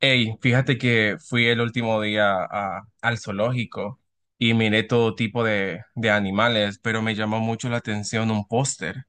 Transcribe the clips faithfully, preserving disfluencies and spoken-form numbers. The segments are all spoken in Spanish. Hey, fíjate que fui el último día a- al zoológico y miré todo tipo de, de animales, pero me llamó mucho la atención un póster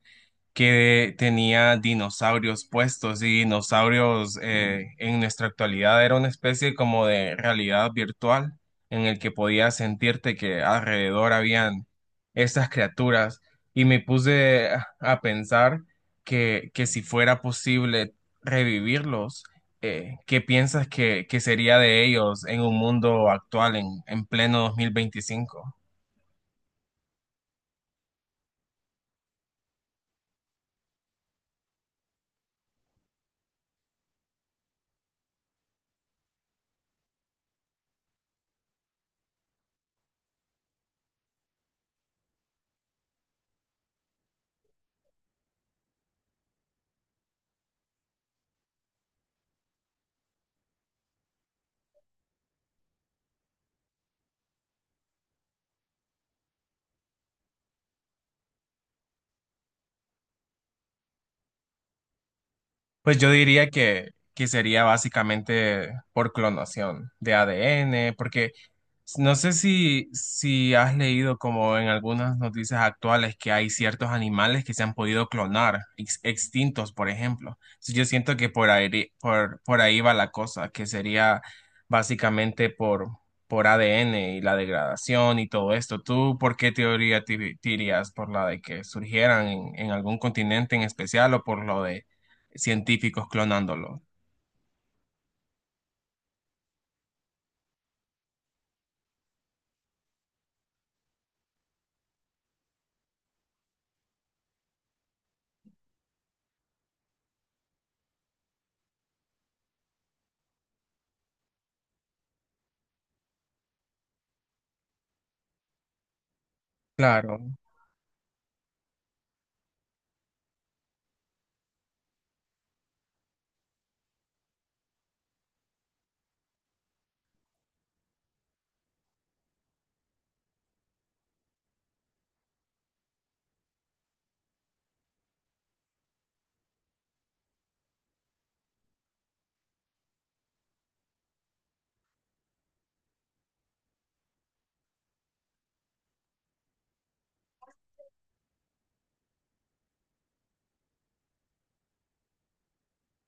que tenía dinosaurios puestos y dinosaurios eh, en nuestra actualidad era una especie como de realidad virtual en el que podías sentirte que alrededor habían estas criaturas y me puse a a pensar que, que si fuera posible revivirlos, eh, ¿qué piensas que, que sería de ellos en un mundo actual en, en pleno dos mil veinticinco? Pues yo diría que, que sería básicamente por clonación de A D N, porque no sé si, si has leído como en algunas noticias actuales que hay ciertos animales que se han podido clonar, ex- extintos, por ejemplo. Entonces, yo siento que por ahí, por, por ahí va la cosa, que sería básicamente por, por A D N y la degradación y todo esto. ¿Tú por qué teoría te, te irías? ¿Por la de que surgieran en, en algún continente en especial o por lo de científicos clonándolo? Claro.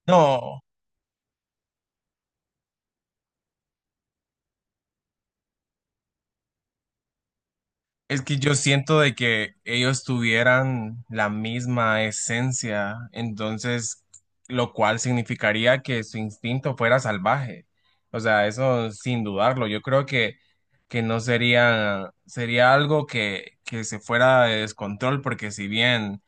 No, es que yo siento de que ellos tuvieran la misma esencia, entonces, lo cual significaría que su instinto fuera salvaje. O sea, eso sin dudarlo. Yo creo que, que no sería, sería algo que, que se fuera de descontrol, porque si bien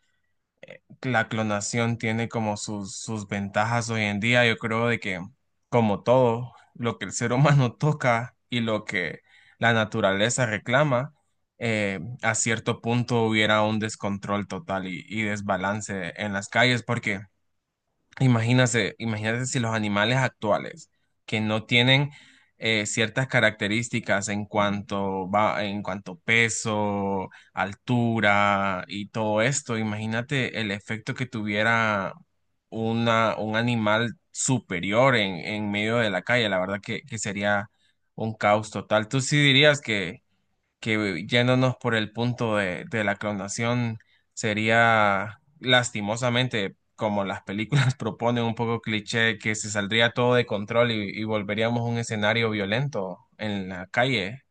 la clonación tiene como sus, sus ventajas hoy en día. Yo creo de que, como todo, lo que el ser humano toca y lo que la naturaleza reclama, eh, a cierto punto hubiera un descontrol total y, y desbalance en las calles, porque imagínate, imagínate si los animales actuales que no tienen eh, ciertas características en cuanto va, en cuanto peso, altura y todo esto, imagínate el efecto que tuviera una, un animal superior en, en medio de la calle. La verdad que, que sería un caos total. ¿Tú sí dirías que que yéndonos por el punto de, de la clonación sería lastimosamente como las películas proponen un poco cliché que se saldría todo de control y, y volveríamos a un escenario violento en la calle?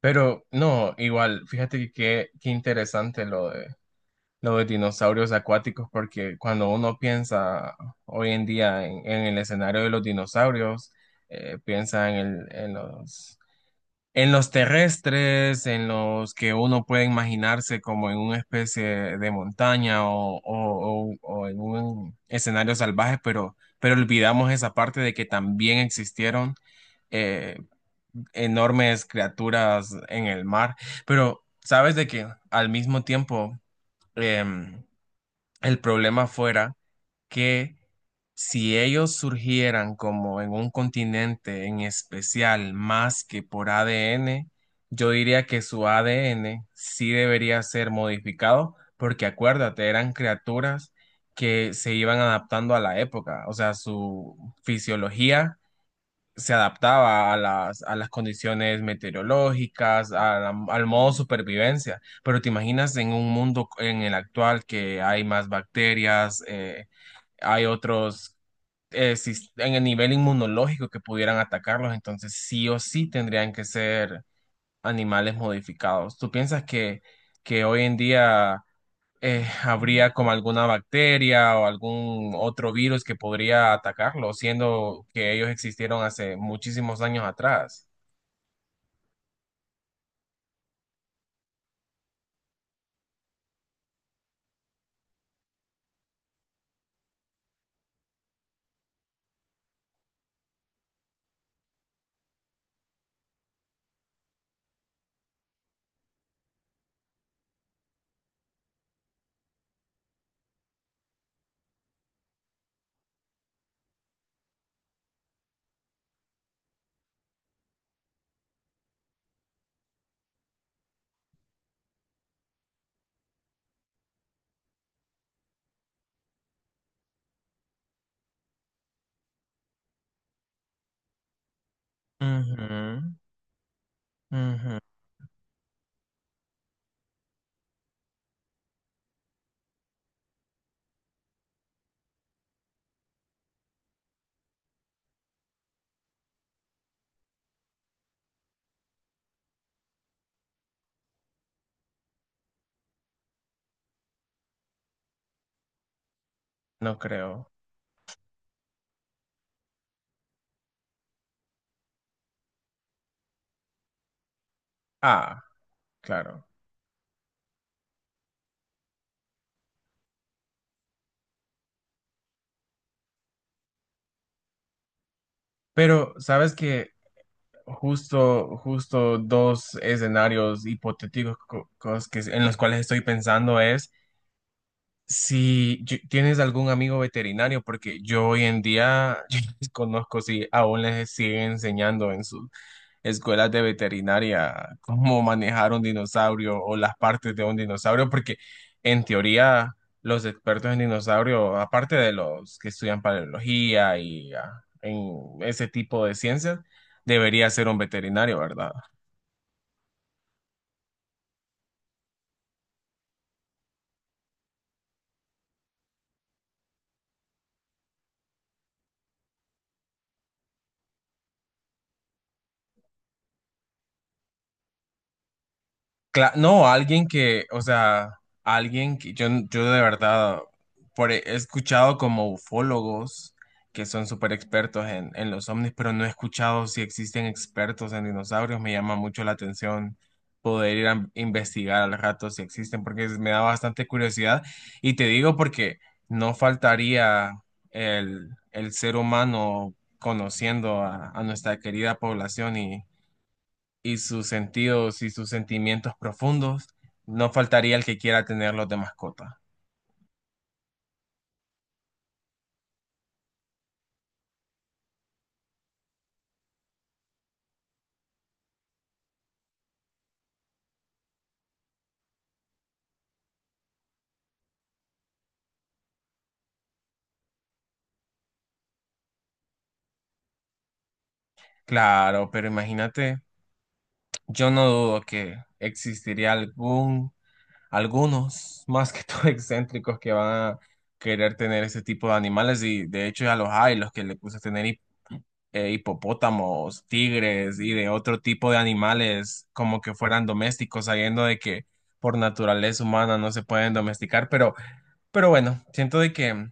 Pero no, igual, fíjate que qué qué interesante lo de lo de dinosaurios acuáticos porque cuando uno piensa hoy en día en, en el escenario de los dinosaurios, eh, piensa en el, en los En los terrestres, en los que uno puede imaginarse como en una especie de montaña o, o- o- o en un escenario salvaje, pero, pero olvidamos esa parte de que también existieron eh, enormes criaturas en el mar. Pero sabes de que al mismo tiempo em, el problema fuera que si ellos surgieran como en un continente en especial más que por A D N, yo diría que su A D N sí debería ser modificado, porque acuérdate, eran criaturas que se iban adaptando a la época, o sea, su fisiología se adaptaba a las, a las condiciones meteorológicas, a la- al modo supervivencia. Pero te imaginas en un mundo en el actual que hay más bacterias, eh, hay otros eh, sis- en el nivel inmunológico que pudieran atacarlos, entonces sí o sí tendrían que ser animales modificados. ¿Tú piensas que, que hoy en día eh, habría como alguna bacteria o algún otro virus que podría atacarlo, siendo que ellos existieron hace muchísimos años atrás? Ujú, ujú. No creo. Ah, claro. Pero, ¿sabes que Justo, justo dos escenarios hipotéticos co- cos- que, en los cuales estoy pensando es si yo- tienes algún amigo veterinario, porque yo hoy en día yo desconozco si aún les siguen enseñando en sus escuelas de veterinaria, cómo manejar un dinosaurio o las partes de un dinosaurio, porque en teoría los expertos en dinosaurio, aparte de los que estudian paleología y ah, en ese tipo de ciencias, debería ser un veterinario, ¿verdad? Cla- no, alguien que, o sea, alguien que yo, yo de verdad por, e, he escuchado como ufólogos que son súper expertos en, en los ovnis, pero no he escuchado si existen expertos en dinosaurios. Me llama mucho la atención poder ir a investigar al rato si existen, porque es- me da bastante curiosidad. Y te digo porque no faltaría el, el ser humano conociendo a, a nuestra querida población y sus sentidos y sus sentimientos profundos, no faltaría el que quiera tenerlos de mascota. Claro, pero imagínate, yo no dudo que existiría algún algunos más que todo excéntricos que van a querer tener ese tipo de animales y de hecho ya los hay, los que le puse a tener hip- eh, hipopótamos, tigres y de otro tipo de animales como que fueran domésticos, sabiendo de que por naturaleza humana no se pueden domesticar, pero, pero bueno, siento de que,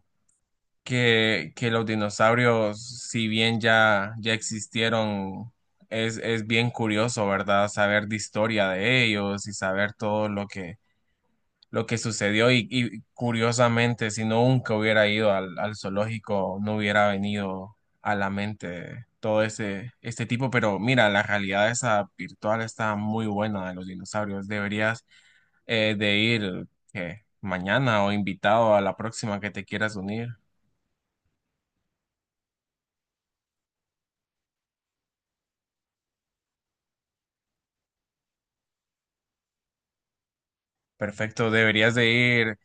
que, que los dinosaurios, si bien ya, ya existieron, es, es bien curioso, ¿verdad? Saber de historia de ellos y saber todo lo que lo que sucedió y, y curiosamente, si no nunca hubiera ido al, al zoológico, no hubiera venido a la mente todo ese, este tipo, pero mira, la realidad esa virtual está muy buena de los dinosaurios. Deberías eh, de ir ¿qué? ¿Mañana o invitado a la próxima que te quieras unir? Perfecto, deberías de ir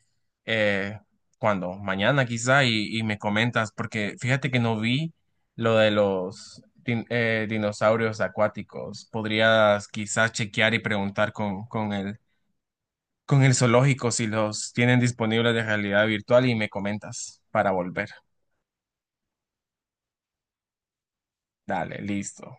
eh, cuando mañana quizá y, y me comentas, porque fíjate que no vi lo de los din- eh, dinosaurios acuáticos. Podrías quizás chequear y preguntar con, con el, con el zoológico si los tienen disponibles de realidad virtual y me comentas para volver. Dale, listo.